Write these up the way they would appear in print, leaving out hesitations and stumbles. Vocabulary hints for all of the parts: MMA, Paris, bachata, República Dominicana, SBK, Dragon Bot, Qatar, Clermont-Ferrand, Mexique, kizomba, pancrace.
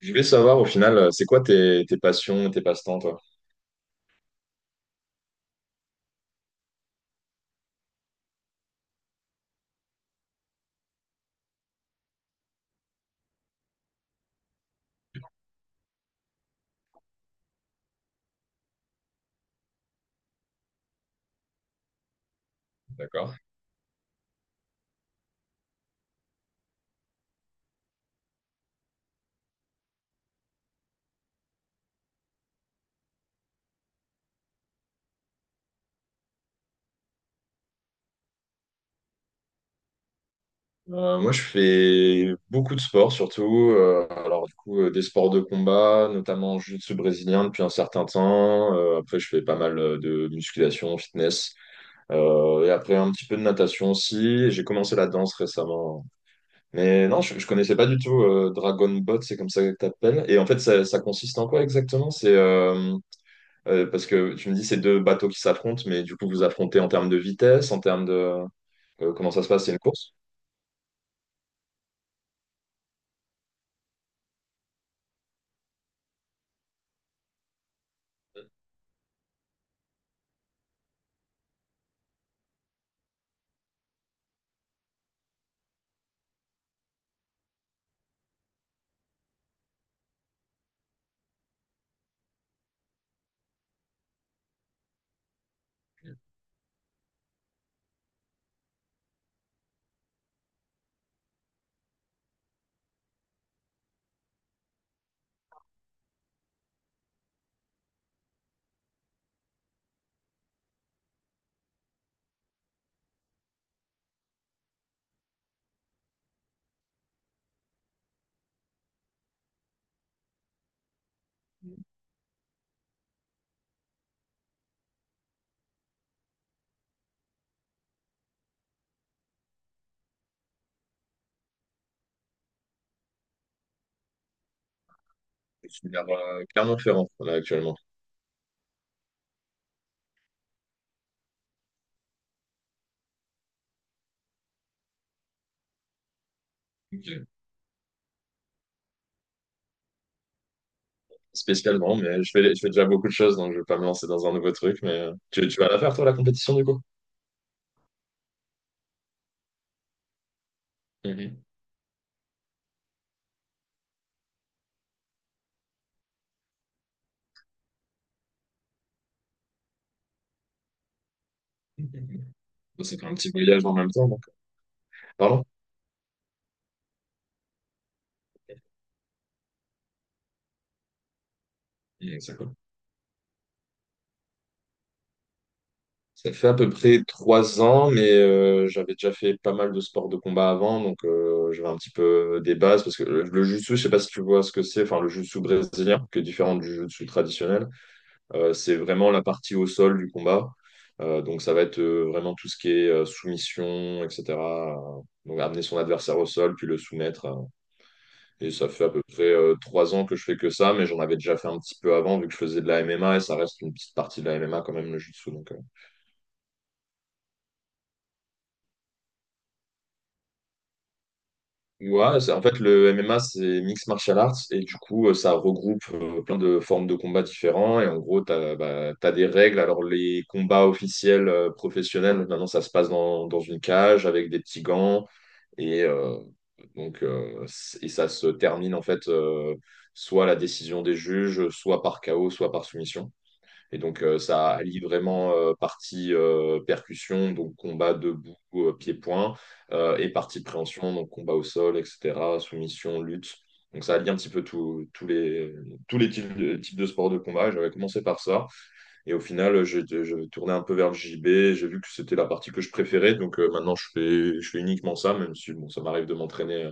Je voulais savoir au final, c'est quoi tes passions, tes passe-temps, toi? D'accord. Moi, je fais beaucoup de sports, surtout, alors, du coup, des sports de combat, notamment jiu-jitsu brésilien depuis un certain temps. Après, je fais pas mal de musculation, fitness. Et après, un petit peu de natation aussi. J'ai commencé la danse récemment. Mais non, je connaissais pas du tout Dragon Bot, c'est comme ça que t'appelles. Et en fait, ça consiste en quoi exactement? C'est parce que tu me dis, c'est deux bateaux qui s'affrontent, mais du coup, vous affrontez en termes de vitesse, en termes de comment ça se passe, c'est une course? C'est vers Clermont-Ferrand, là, actuellement. Ok. Spécialement, mais je fais déjà beaucoup de choses, donc je vais pas me lancer dans un nouveau truc, mais tu vas la faire, toi, la compétition, du coup? Mhm. Bon, c'est un petit voyage en même temps, donc. Pardon? Mhm, c'est cool. Ça fait à peu près 3 ans, mais j'avais déjà fait pas mal de sports de combat avant, donc j'avais un petit peu des bases, parce que le jiu-jitsu, je sais pas si tu vois ce que c'est, enfin le jiu-jitsu brésilien, qui est différent du jiu-jitsu traditionnel, c'est vraiment la partie au sol du combat. Donc ça va être vraiment tout ce qui est soumission, etc. Donc amener son adversaire au sol, puis le soumettre. Et ça fait à peu près 3 ans que je fais que ça, mais j'en avais déjà fait un petit peu avant, vu que je faisais de la MMA, et ça reste une petite partie de la MMA quand même, le jiu-jitsu. Donc. Ouais, en fait, le MMA, c'est Mixed Martial Arts, et du coup, ça regroupe plein de formes de combats différents, et en gros, bah, t'as des règles. Alors, les combats officiels professionnels, maintenant, ça se passe dans, une cage avec des petits gants, et donc, et ça se termine, en fait, soit à la décision des juges, soit par KO, soit par soumission. Et donc, ça allie vraiment partie percussion, donc combat debout, pied-point, et partie préhension, donc combat au sol, etc., soumission, lutte. Donc, ça allie un petit peu tous les types de sports de combat. Et j'avais commencé par ça. Et au final, j'ai je tournais un peu vers le JB. J'ai vu que c'était la partie que je préférais. Donc, maintenant, je fais uniquement ça, même si bon, ça m'arrive de m'entraîner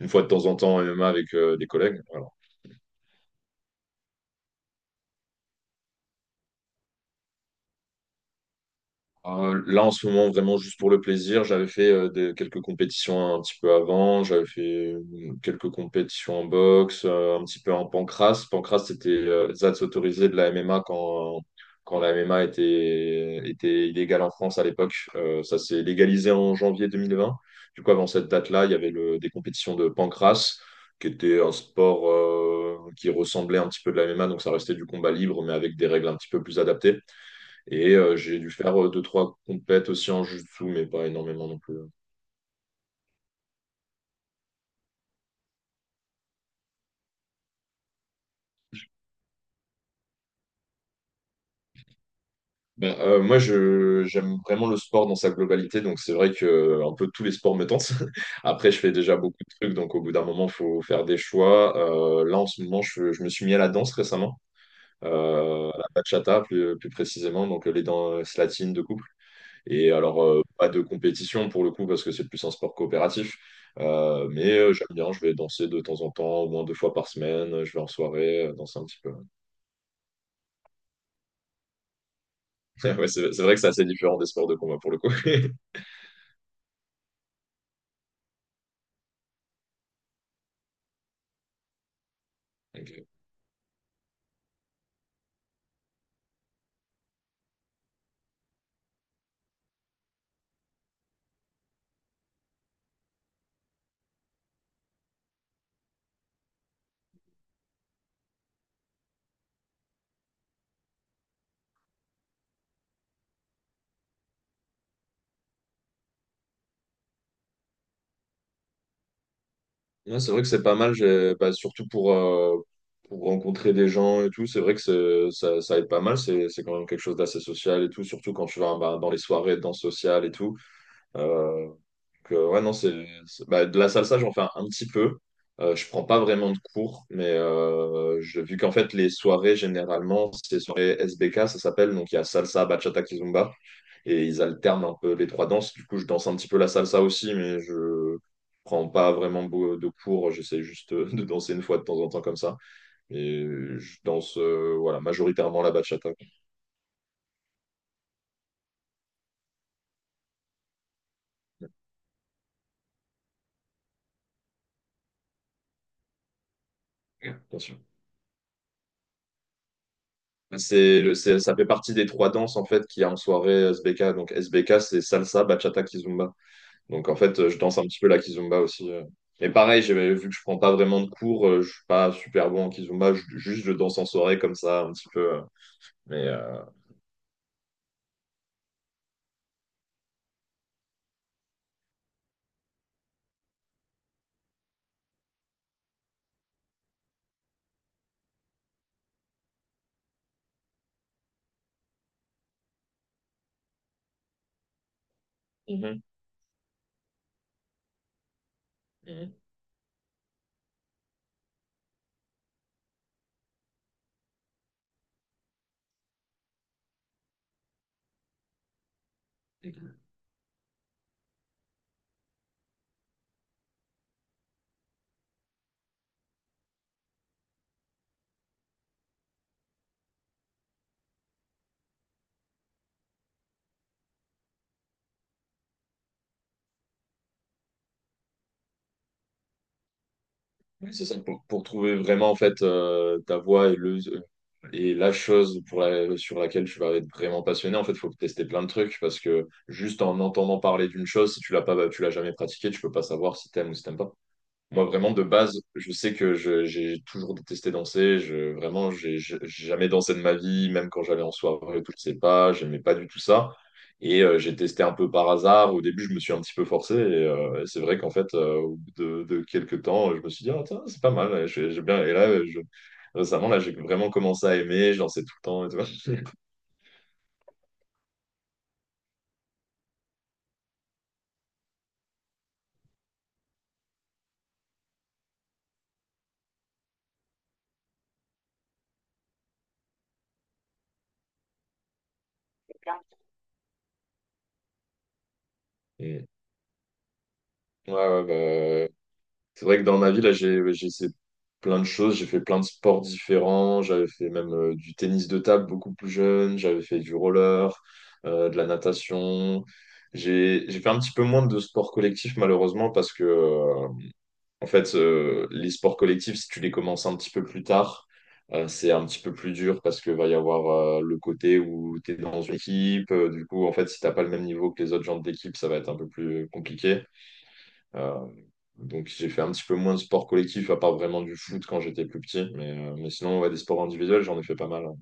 une fois de temps en temps en MMA avec des collègues. Voilà. Là, en ce moment, vraiment juste pour le plaisir, j'avais fait quelques compétitions un petit peu avant. J'avais fait quelques compétitions en boxe, un petit peu en pancrace. Pancrace, c'était ZATS autorisé de la MMA quand la MMA était illégale en France à l'époque. Ça s'est légalisé en janvier 2020. Du coup, avant cette date-là, il y avait des compétitions de pancrace, qui était un sport qui ressemblait un petit peu de la MMA. Donc, ça restait du combat libre, mais avec des règles un petit peu plus adaptées. Et j'ai dû faire deux, trois compètes aussi en jiu-jitsu, mais pas énormément non plus. Ben, moi, j'aime vraiment le sport dans sa globalité, donc c'est vrai que un peu tous les sports me tentent. Après, je fais déjà beaucoup de trucs, donc au bout d'un moment, faut faire des choix. Là, en ce moment, je me suis mis à la danse récemment, à la bachata plus précisément, donc les danses latines de couple. Et alors, pas de compétition pour le coup, parce que c'est plus un sport coopératif. Mais j'aime bien, je vais danser de temps en temps, au moins deux fois par semaine. Je vais en soirée, danser un petit peu. Ouais, c'est vrai que c'est assez différent des sports de combat pour le coup. Ok. Ouais, c'est vrai que c'est pas mal, bah, surtout pour rencontrer des gens et tout. C'est vrai que ça, ça aide pas mal. C'est quand même quelque chose d'assez social et tout, surtout quand tu vas bah, dans les soirées de danse sociale et tout. Euh, Donc, ouais, non, bah, de la salsa, j'en fais un petit peu. Je prends pas vraiment de cours, mais vu qu'en fait, les soirées, généralement, c'est les soirées SBK, ça s'appelle. Donc, il y a salsa, bachata, kizomba. Et ils alternent un peu les trois danses. Du coup, je danse un petit peu la salsa aussi, mais je prends pas vraiment de cours. J'essaie juste de danser une fois de temps en temps comme ça. Et je danse, voilà, majoritairement la bachata, quoi, bien sûr. Ça fait partie des trois danses en fait qu'il y a en soirée SBK. Donc SBK, c'est salsa, bachata, kizomba. Donc en fait, je danse un petit peu la kizomba aussi. Mais pareil, vu que je prends pas vraiment de cours, je suis pas super bon en kizomba. Juste, je danse en soirée comme ça un petit peu. Mais euh, Mhm. Mhm. Oui, c'est ça pour, trouver vraiment en fait ta voix et la chose pour sur laquelle tu vas être vraiment passionné. En fait, il faut tester plein de trucs parce que juste en entendant parler d'une chose, si tu l'as pas, bah, tu l'as jamais pratiqué, tu peux pas savoir si t'aimes ou si t'aimes pas. Moi, vraiment, de base, je sais que j'ai toujours détesté danser. Vraiment, j'ai jamais dansé de ma vie, même quand j'allais en soirée, et tout, je sais pas, j'aimais pas du tout ça. Et j'ai testé un peu par hasard. Au début, je me suis un petit peu forcé. Et c'est vrai qu'en fait, au bout de quelques temps, je me suis dit, ah, tiens, c'est pas mal. Et là, récemment, là, j'ai vraiment commencé à aimer. Je dansais tout le temps et tout. Et- Ouais, ouais, bah, c'est vrai que dans ma vie, là, j'ai essayé plein de choses. J'ai fait plein de sports différents. J'avais fait même du tennis de table beaucoup plus jeune. J'avais fait du roller, de la natation. J'ai fait un petit peu moins de sports collectifs, malheureusement, parce que, en fait, les sports collectifs, si tu les commences un petit peu plus tard, c'est un petit peu plus dur parce que va y avoir le côté où tu es dans une équipe. Du coup, en fait, si t'as pas le même niveau que les autres gens de l'équipe, ça va être un peu plus compliqué. Euh, donc j'ai fait un petit peu moins de sport collectif, à part vraiment du foot quand j'étais plus petit. Mais sinon, ouais, des sports individuels, j'en ai fait pas mal. Hein.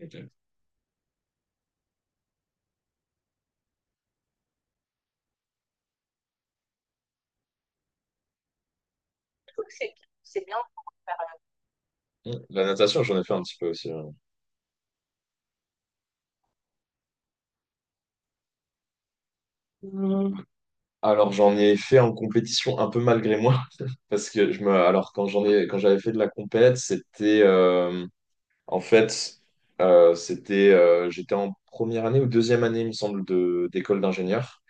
Ok. C'est c'est bien. La natation, j'en ai fait un petit peu aussi. Hein. Mm. Alors j'en ai fait en compétition un peu malgré moi parce que je me alors quand j'avais fait de la compète c'était en fait c'était j'étais en première année ou deuxième année il me semble de d'école d'ingénieur.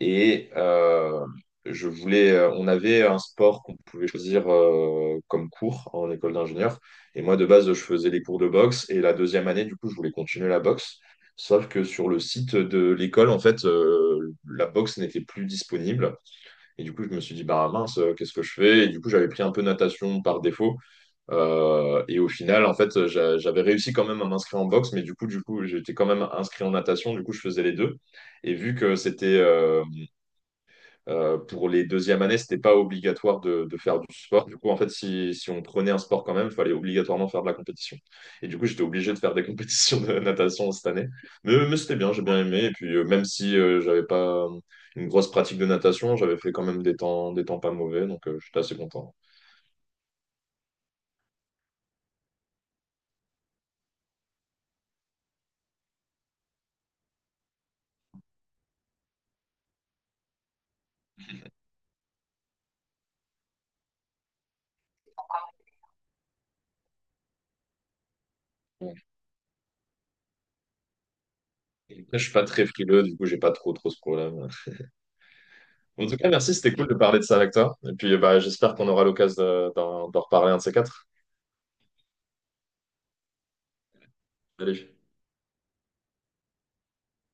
Et, on avait un sport qu'on pouvait choisir comme cours en école d'ingénieur. Et moi, de base, je faisais les cours de boxe. Et la deuxième année, du coup, je voulais continuer la boxe. Sauf que sur le site de l'école, en fait, la boxe n'était plus disponible. Et du coup, je me suis dit, bah mince, qu'est-ce que je fais? Et du coup, j'avais pris un peu natation par défaut. Et au final, en fait, j'avais réussi quand même à m'inscrire en boxe, mais du coup, j'étais quand même inscrit en natation. Du coup, je faisais les deux. Et vu que c'était, pour les deuxièmes années, c'était pas obligatoire de faire du sport. Du coup, en fait, si on prenait un sport quand même, il fallait obligatoirement faire de la compétition. Et du coup, j'étais obligé de faire des compétitions de natation cette année. Mais c'était bien, j'ai bien aimé. Et puis, même si j'avais pas une grosse pratique de natation, j'avais fait quand même des temps, pas mauvais. Donc, j'étais assez content. Et après, je suis pas très frileux, du coup, j'ai pas trop, trop ce problème. En tout cas, merci, c'était cool de parler de ça avec toi. Et puis, bah, j'espère qu'on aura l'occasion d'en reparler un de ces quatre. Allez.